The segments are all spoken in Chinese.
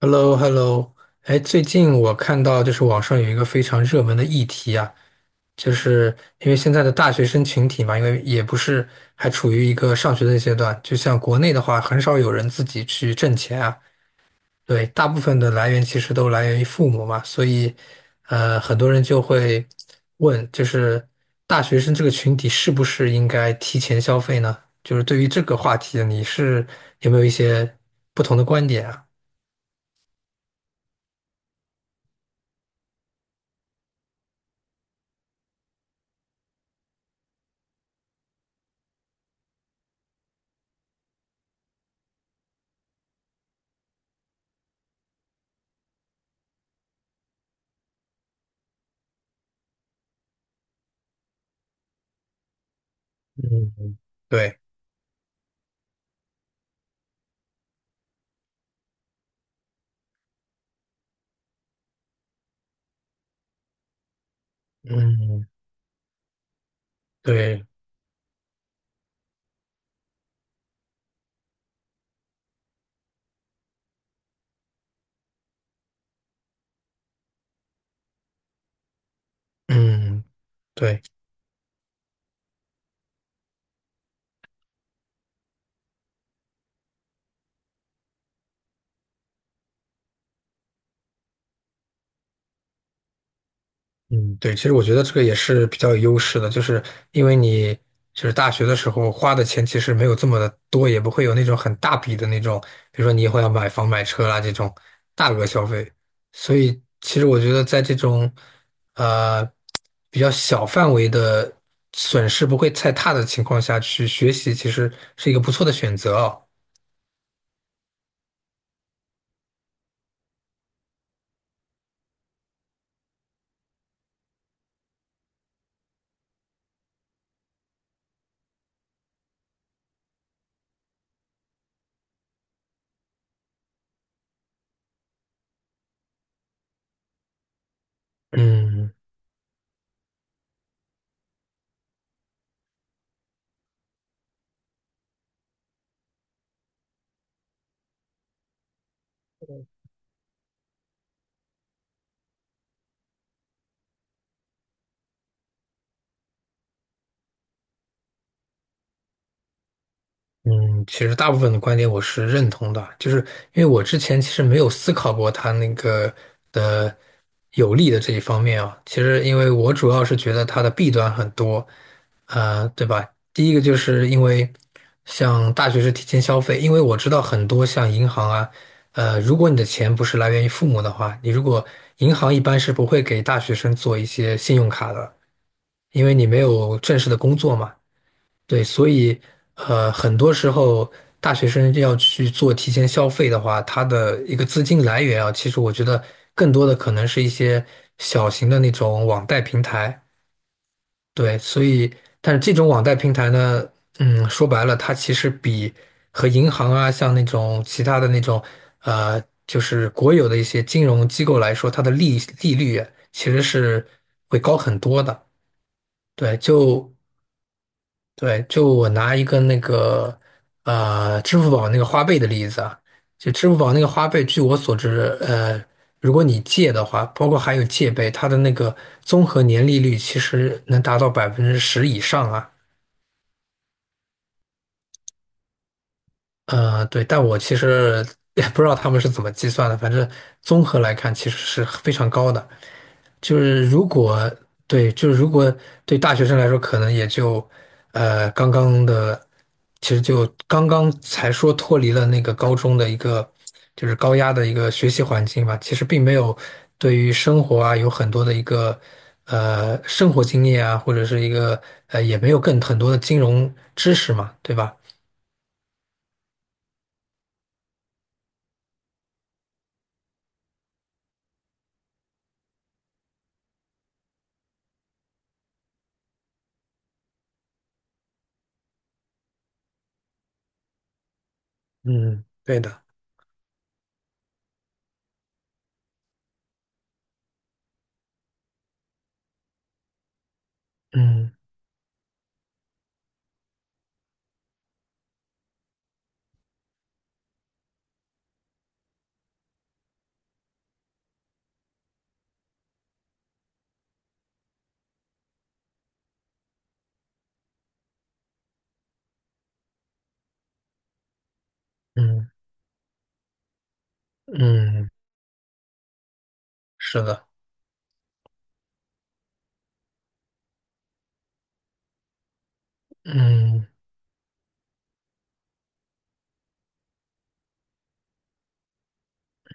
hello hello 哎，最近我看到就是网上有一个非常热门的议题啊，就是因为现在的大学生群体嘛，因为也不是还处于一个上学的阶段，就像国内的话，很少有人自己去挣钱啊，对，大部分的来源其实都来源于父母嘛，所以很多人就会问，就是大学生这个群体是不是应该提前消费呢？就是对于这个话题，你是有没有一些不同的观点啊？嗯，对。嗯，对，嗯，对，嗯，对，其实我觉得这个也是比较有优势的，就是因为你就是大学的时候花的钱其实没有这么的多，也不会有那种很大笔的那种，比如说你以后要买房买车啦这种大额消费，所以其实我觉得在这种呃比较小范围的损失不会太大的情况下去学习，其实是一个不错的选择啊。嗯嗯，其实大部分的观点我是认同的，就是因为我之前其实没有思考过它那个的有利的这一方面啊。其实因为我主要是觉得它的弊端很多，对吧？第一个就是因为像大学是提前消费，因为我知道很多像银行啊，如果你的钱不是来源于父母的话，你如果银行一般是不会给大学生做一些信用卡的，因为你没有正式的工作嘛。对，所以很多时候大学生要去做提前消费的话，它的一个资金来源啊，其实我觉得更多的可能是一些小型的那种网贷平台。对，所以但是这种网贷平台呢，说白了，它其实比和银行啊，像那种其他的那种就是国有的一些金融机构来说，它的利率啊其实是会高很多的。对，就我拿一个那个支付宝那个花呗的例子啊，就支付宝那个花呗，据我所知，如果你借的话，包括还有借呗，它的那个综合年利率其实能达到百分之十以上啊。对，但我其实 也不知道他们是怎么计算的，反正综合来看其实是非常高的。就是如果对，就是如果对大学生来说，可能也就呃刚刚的，其实就刚刚才说脱离了那个高中的一个就是高压的一个学习环境吧，其实并没有对于生活啊有很多的一个生活经验啊，或者是也没有更很多的金融知识嘛，对吧？嗯，对的。嗯嗯嗯，是的，嗯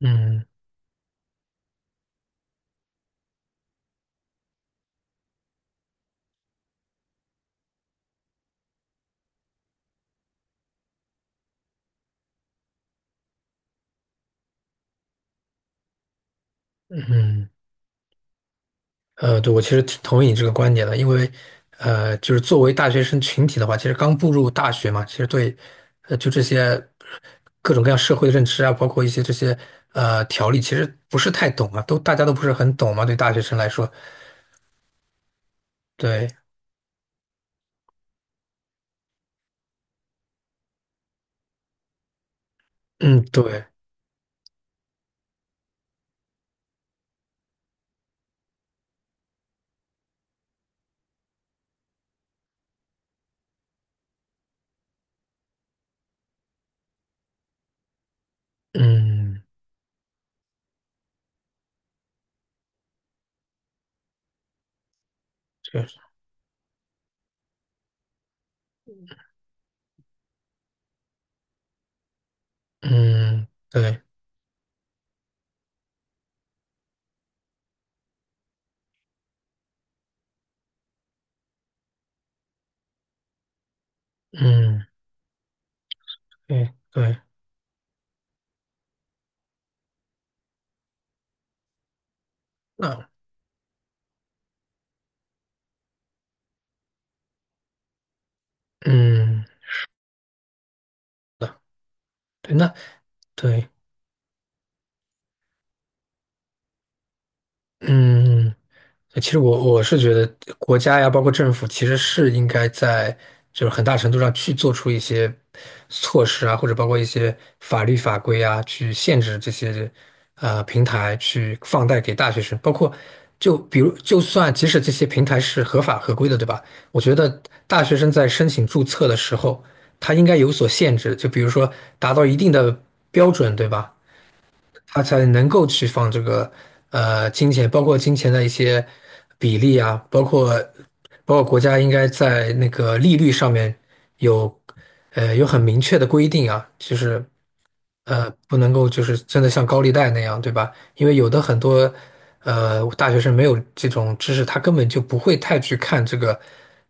嗯嗯。对，我其实挺同意你这个观点的，因为，就是作为大学生群体的话，其实刚步入大学嘛，其实对，就这些各种各样社会的认知啊，包括一些这些条例，其实不是太懂啊，大家都不是很懂嘛，对大学生来说，对，嗯，对，嗯，确实，嗯，对，嗯，对，对，那，嗯，对，那，对，嗯。哎其实我是觉得国家呀，包括政府，其实是应该在就是很大程度上去做出一些措施啊，或者包括一些法律法规啊，去限制这些平台去放贷给大学生。包括就比如，就算即使这些平台是合法合规的，对吧？我觉得大学生在申请注册的时候，他应该有所限制，就比如说达到一定的标准，对吧？他才能够去放这个金钱，包括金钱的一些比例啊，包括国家应该在那个利率上面有有很明确的规定啊，就是不能够就是真的像高利贷那样，对吧？因为有的很多大学生没有这种知识，他根本就不会太去看这个。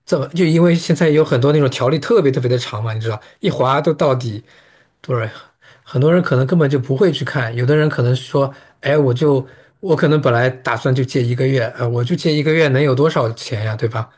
这么就因为现在有很多那种条例特别特别的长嘛，你知道，一划都到底，对，很多人可能根本就不会去看，有的人可能说，哎，我可能本来打算就借一个月，我就借一个月能有多少钱呀，对吧？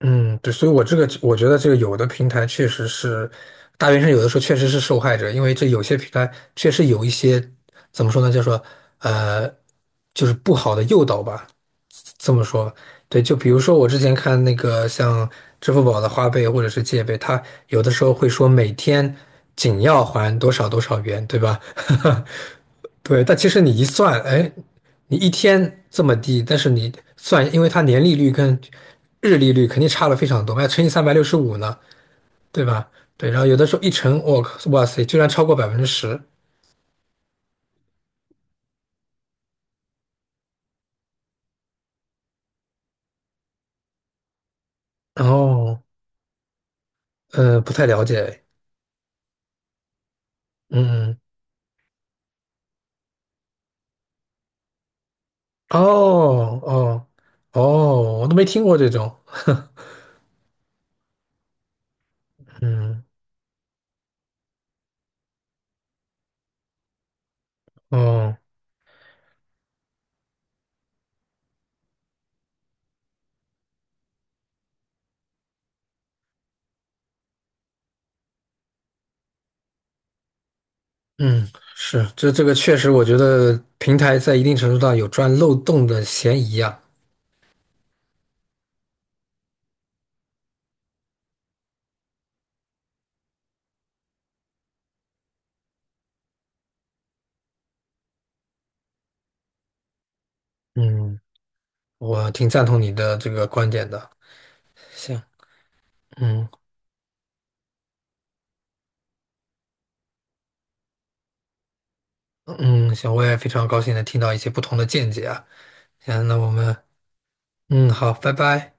嗯，对，所以我觉得这个有的平台确实是大学生，有的时候确实是受害者，因为这有些平台确实有一些怎么说呢，叫做呃，就是不好的诱导吧，这么说，对，就比如说我之前看那个像支付宝的花呗或者是借呗，它有的时候会说每天仅要还多少多少元，对吧？对，但其实你一算，哎，你一天这么低，但是你算，因为它年利率跟日利率肯定差了非常多，还要乘以365呢，对吧？对，然后有的时候一乘，我靠，哇塞，居然超过百分之十。哦，不太了解，嗯，嗯哦哦哦，我都没听过这种。嗯，哦，嗯，是，这个确实，我觉得平台在一定程度上有钻漏洞的嫌疑啊。嗯，我挺赞同你的这个观点的。行，嗯嗯，行，我也非常高兴能听到一些不同的见解啊。行，那我们，嗯，好，拜拜。